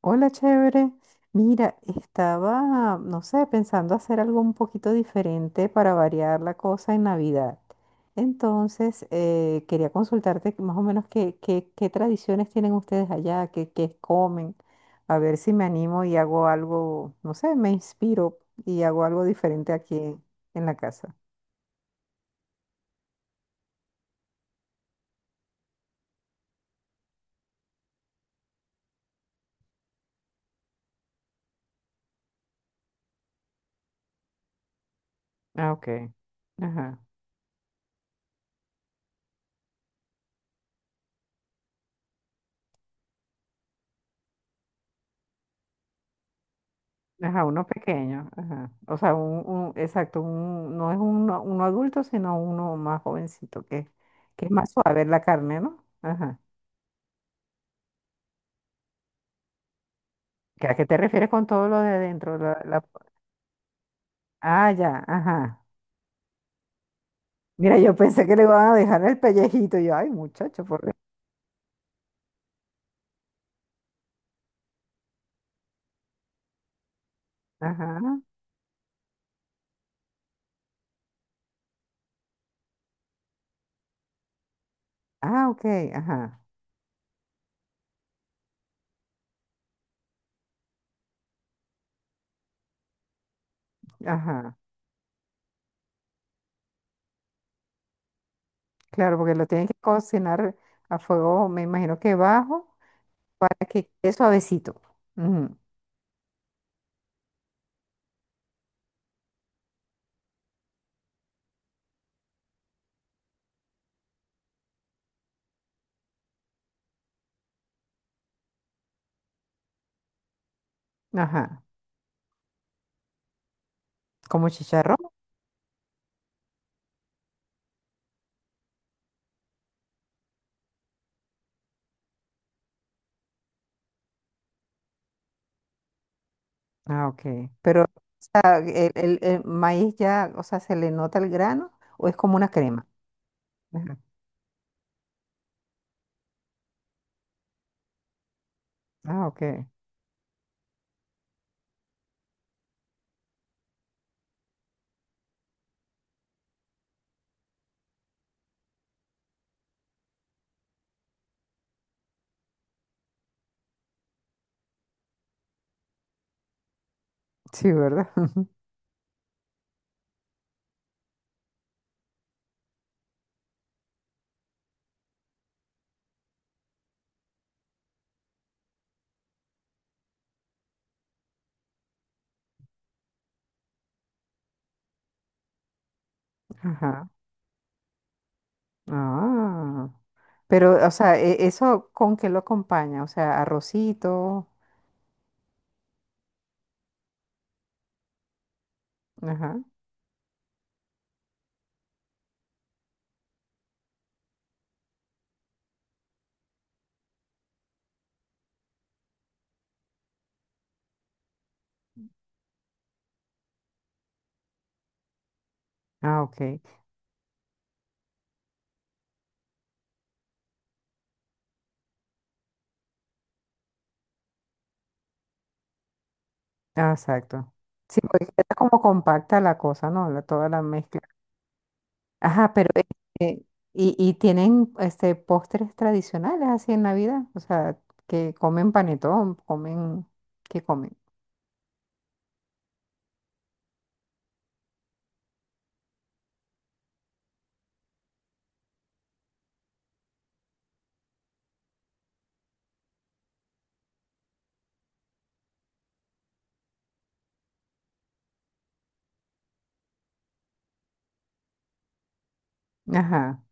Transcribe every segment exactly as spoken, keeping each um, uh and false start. Hola, chévere. Mira, estaba, no sé, pensando hacer algo un poquito diferente para variar la cosa en Navidad. Entonces, eh, quería consultarte más o menos qué, qué, qué tradiciones tienen ustedes allá, qué, qué comen, a ver si me animo y hago algo, no sé, me inspiro y hago algo diferente aquí en, la casa. Ah, ok. Ajá. Ajá, uno pequeño, ajá. O sea, un, un- exacto, un, no es uno, uno adulto, sino uno más jovencito, que, que es más suave la carne, ¿no? Ajá. ¿Qué- ¿A qué te refieres con todo lo de adentro? La, la- Ah, ya, ajá. Mira, yo pensé que le iban a dejar el pellejito, y yo, ay, muchacho, por... Dios". Ajá. Ah, ok, ajá, ajá. Claro, porque lo tienen que cocinar a fuego, me imagino que bajo, para que quede suavecito. Ujú, ajá. Como chicharrón. Ah, ok. Pero, o sea, el, el- el maíz ya, o sea, ¿se le nota el grano o es como una crema? Ajá. Ah, ok. Sí, ¿verdad? Ajá. Ah. Pero, o sea, e- ¿eso con qué lo acompaña? O sea, arrocito. Ajá. Ah, ok. Ah, exacto. Sí, porque queda como compacta la cosa, ¿no? La- toda la mezcla. Ajá, pero este, y, y tienen este postres tradicionales así en Navidad. O sea, que comen panetón, comen, ¿qué comen? Ajá.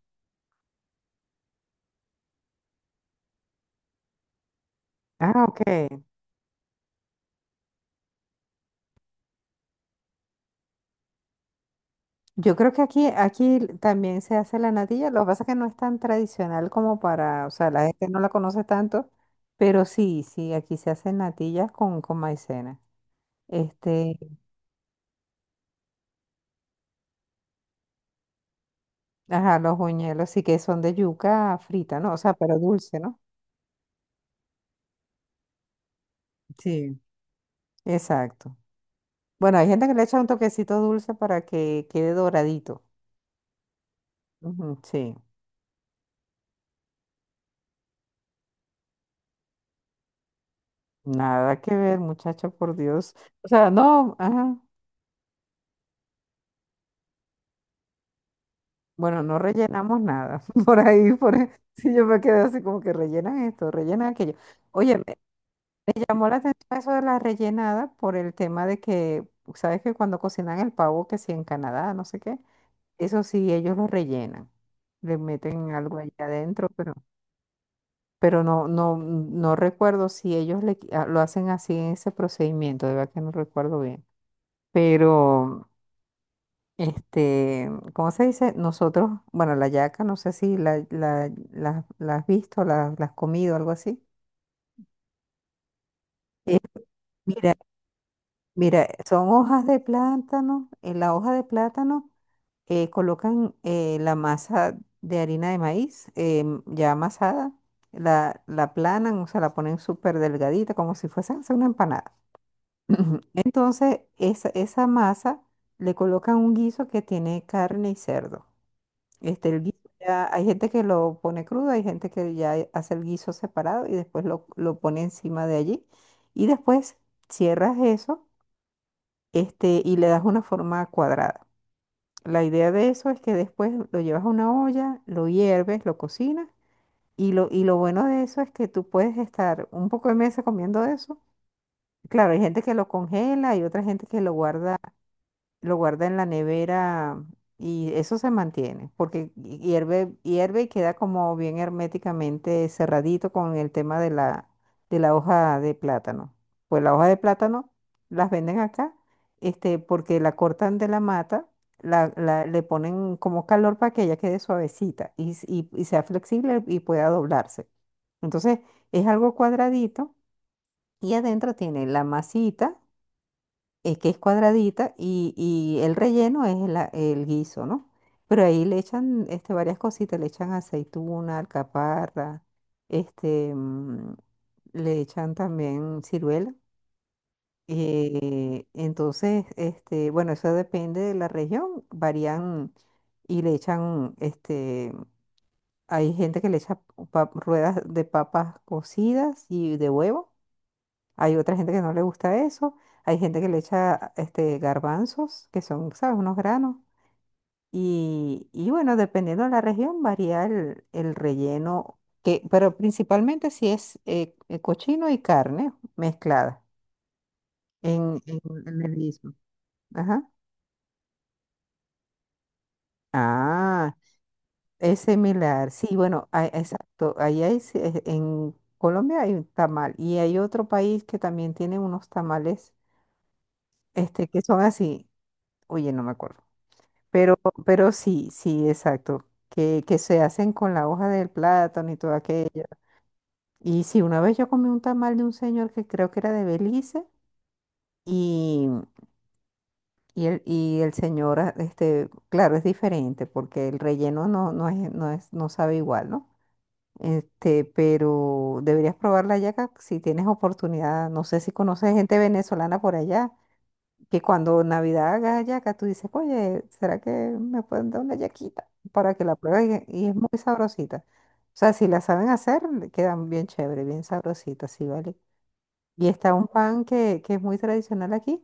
Ah, ok. Yo creo que aquí, aquí también se hace la natilla. Lo que pasa es que no es tan tradicional como para, o sea, la gente no la conoce tanto, pero sí, sí, aquí se hacen natillas con, con maicena. Este, ajá, los buñuelos sí que son de yuca frita, ¿no? O sea, pero dulce, ¿no? Sí. Exacto. Bueno, hay gente que le echa un toquecito dulce para que quede doradito. Ujú, sí. Nada que ver, muchacho, por Dios. O sea, no, ajá. Bueno, no rellenamos nada. Por ahí, por ahí, sí, yo me quedé así como que rellenan esto, rellenan aquello. Oye, me llamó la atención eso de la rellenada por el tema de que, sabes que cuando cocinan el pavo, que si en Canadá, no sé qué, eso sí, ellos lo rellenan. Le meten algo allá adentro, pero, pero no, no, no recuerdo si ellos le qui- ah, lo hacen así en ese procedimiento, de verdad que no recuerdo bien. Pero. Este, ¿cómo se dice? Nosotros, bueno, la yaca, no sé si la, la, la- la has visto, la, la has comido, algo así. Eh, mira, mira, son hojas de plátano. En la hoja de plátano eh, colocan eh, la masa de harina de maíz eh, ya amasada, la, la aplanan, o sea, la ponen súper delgadita, como si fuese a hacer una empanada. Ujú. Entonces, esa, esa masa le colocan un guiso que tiene carne y cerdo. Este, el guiso ya, hay gente que lo pone crudo, hay gente que ya hace el guiso separado y después lo, lo pone encima de allí. Y después cierras eso, este, y le das una forma cuadrada. La idea de eso es que después lo llevas a una olla, lo hierves, lo cocinas. Y lo, y lo bueno de eso es que tú puedes estar un poco de mesa comiendo eso. Claro, hay gente que lo congela, hay otra gente que lo guarda lo guarda en la nevera y eso se mantiene, porque hierve, hierve y queda como bien herméticamente cerradito con el tema de la, de la hoja de plátano. Pues la hoja de plátano las venden acá, este, porque la cortan de la mata, la, la- le ponen como calor para que ella quede suavecita y, s- y- y sea flexible y pueda doblarse. Entonces es algo cuadradito y adentro tiene la masita eh, que es cuadradita y, y el relleno es la- el guiso, ¿no? Pero ahí le echan este, varias cositas, le echan aceituna, alcaparra, este, mm, le echan también ciruela. Eh, entonces, este, bueno, eso depende de la región, varían y le echan, este, hay gente que le echa pa- ruedas de papas cocidas y de huevo. Hay otra gente que no le gusta eso. Hay gente que le echa este, garbanzos, que son, ¿sabes? Unos granos. Y, y bueno, dependiendo de la región, varía el, el relleno, que, pero principalmente si es eh, eh, cochino y carne mezclada en, en- en el guiso. Ajá. Ah, es similar. Sí, bueno, ah, exacto. Ahí hay, sí, eh, en Colombia hay un tamal y hay otro país que también tiene unos tamales este, que son así. Oye, no me acuerdo. Pero, pero sí, sí, exacto. Que, que se hacen con la hoja del plátano y todo aquello. Y sí, una vez yo comí un tamal de un señor que creo que era de Belice y, y, el, y el señor, ah, este, claro, es diferente porque el relleno no, no es, no es, no sabe igual, ¿no? Este, pero deberías probar la yaca si tienes oportunidad. No sé si conoces gente venezolana por allá. Que cuando Navidad haga hallaca, tú dices, oye, ¿será que me pueden dar una hallaquita para que la prueben? Y, y es muy sabrosita. O sea, si la saben hacer, le quedan bien chévere, bien sabrosita, sí, ¿vale? Y está un pan que, que es muy tradicional aquí,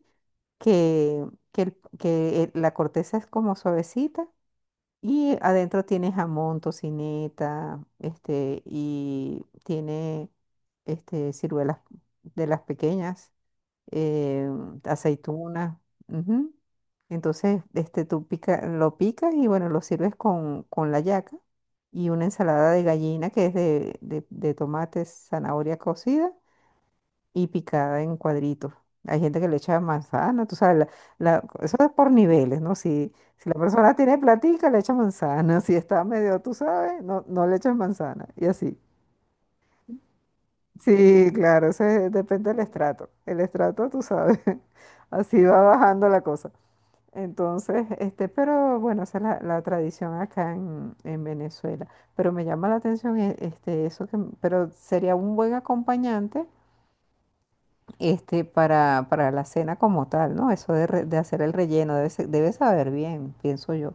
que, que, el- que el- la corteza es como suavecita y adentro tiene jamón, tocineta, este, y tiene este, ciruelas de las pequeñas eh, aceituna. Ujú. Entonces, este, tú pica, lo picas y bueno, lo sirves con, con la yaca y una ensalada de gallina que es de, de, de tomate, zanahoria cocida y picada en cuadritos. Hay gente que le echa manzana, tú sabes, la- la- eso es por niveles, ¿no? Si, si la persona tiene platica, le echa manzana, si está medio, tú sabes, no, no le echas manzana y así. Sí, claro, eso es- depende del estrato. El estrato, tú sabes, así va bajando la cosa. Entonces, este, pero bueno, esa es la, la tradición acá en, en Venezuela. Pero me llama la atención e- este, eso que, m- pero sería un buen acompañante este, para, para la cena como tal, ¿no? Eso de, re- de hacer el relleno, debe, se- debe saber bien, pienso yo.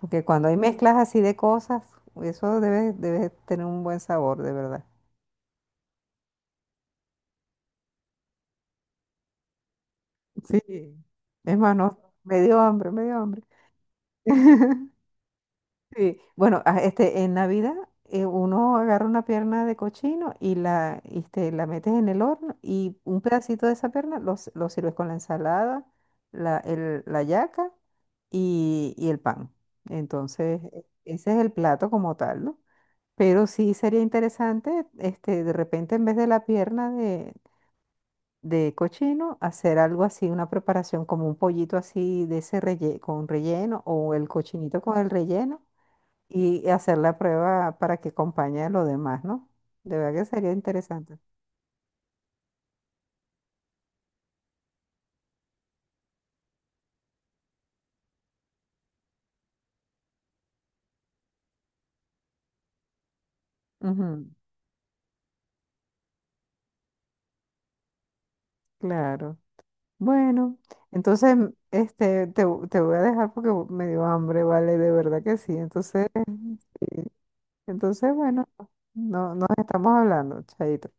Porque cuando hay mezclas así de cosas, eso debe, debe tener un buen sabor, de verdad. Sí, es más, no, me dio hambre, me dio hambre. Sí, bueno, ah, este, en Navidad eh, uno agarra una pierna de cochino y la, este, la metes en el horno y un pedacito de esa pierna lo, s- lo sirves con la ensalada, la, el- la yaca y, y el pan. Entonces, e- ese es el plato como tal, ¿no? Pero sí sería interesante, este, de repente en vez de la pierna de de cochino, hacer algo así, una preparación como un pollito así de ese relle- con relleno o el cochinito con el relleno y hacer la prueba para que acompañe a lo demás, ¿no? De verdad que sería interesante. Ujú, claro. Bueno, entonces este, te, vo- te voy a dejar porque vo- me dio hambre, ¿vale? De verdad que sí. Entonces, eh, entonces bueno, no, nos estamos hablando, chaito.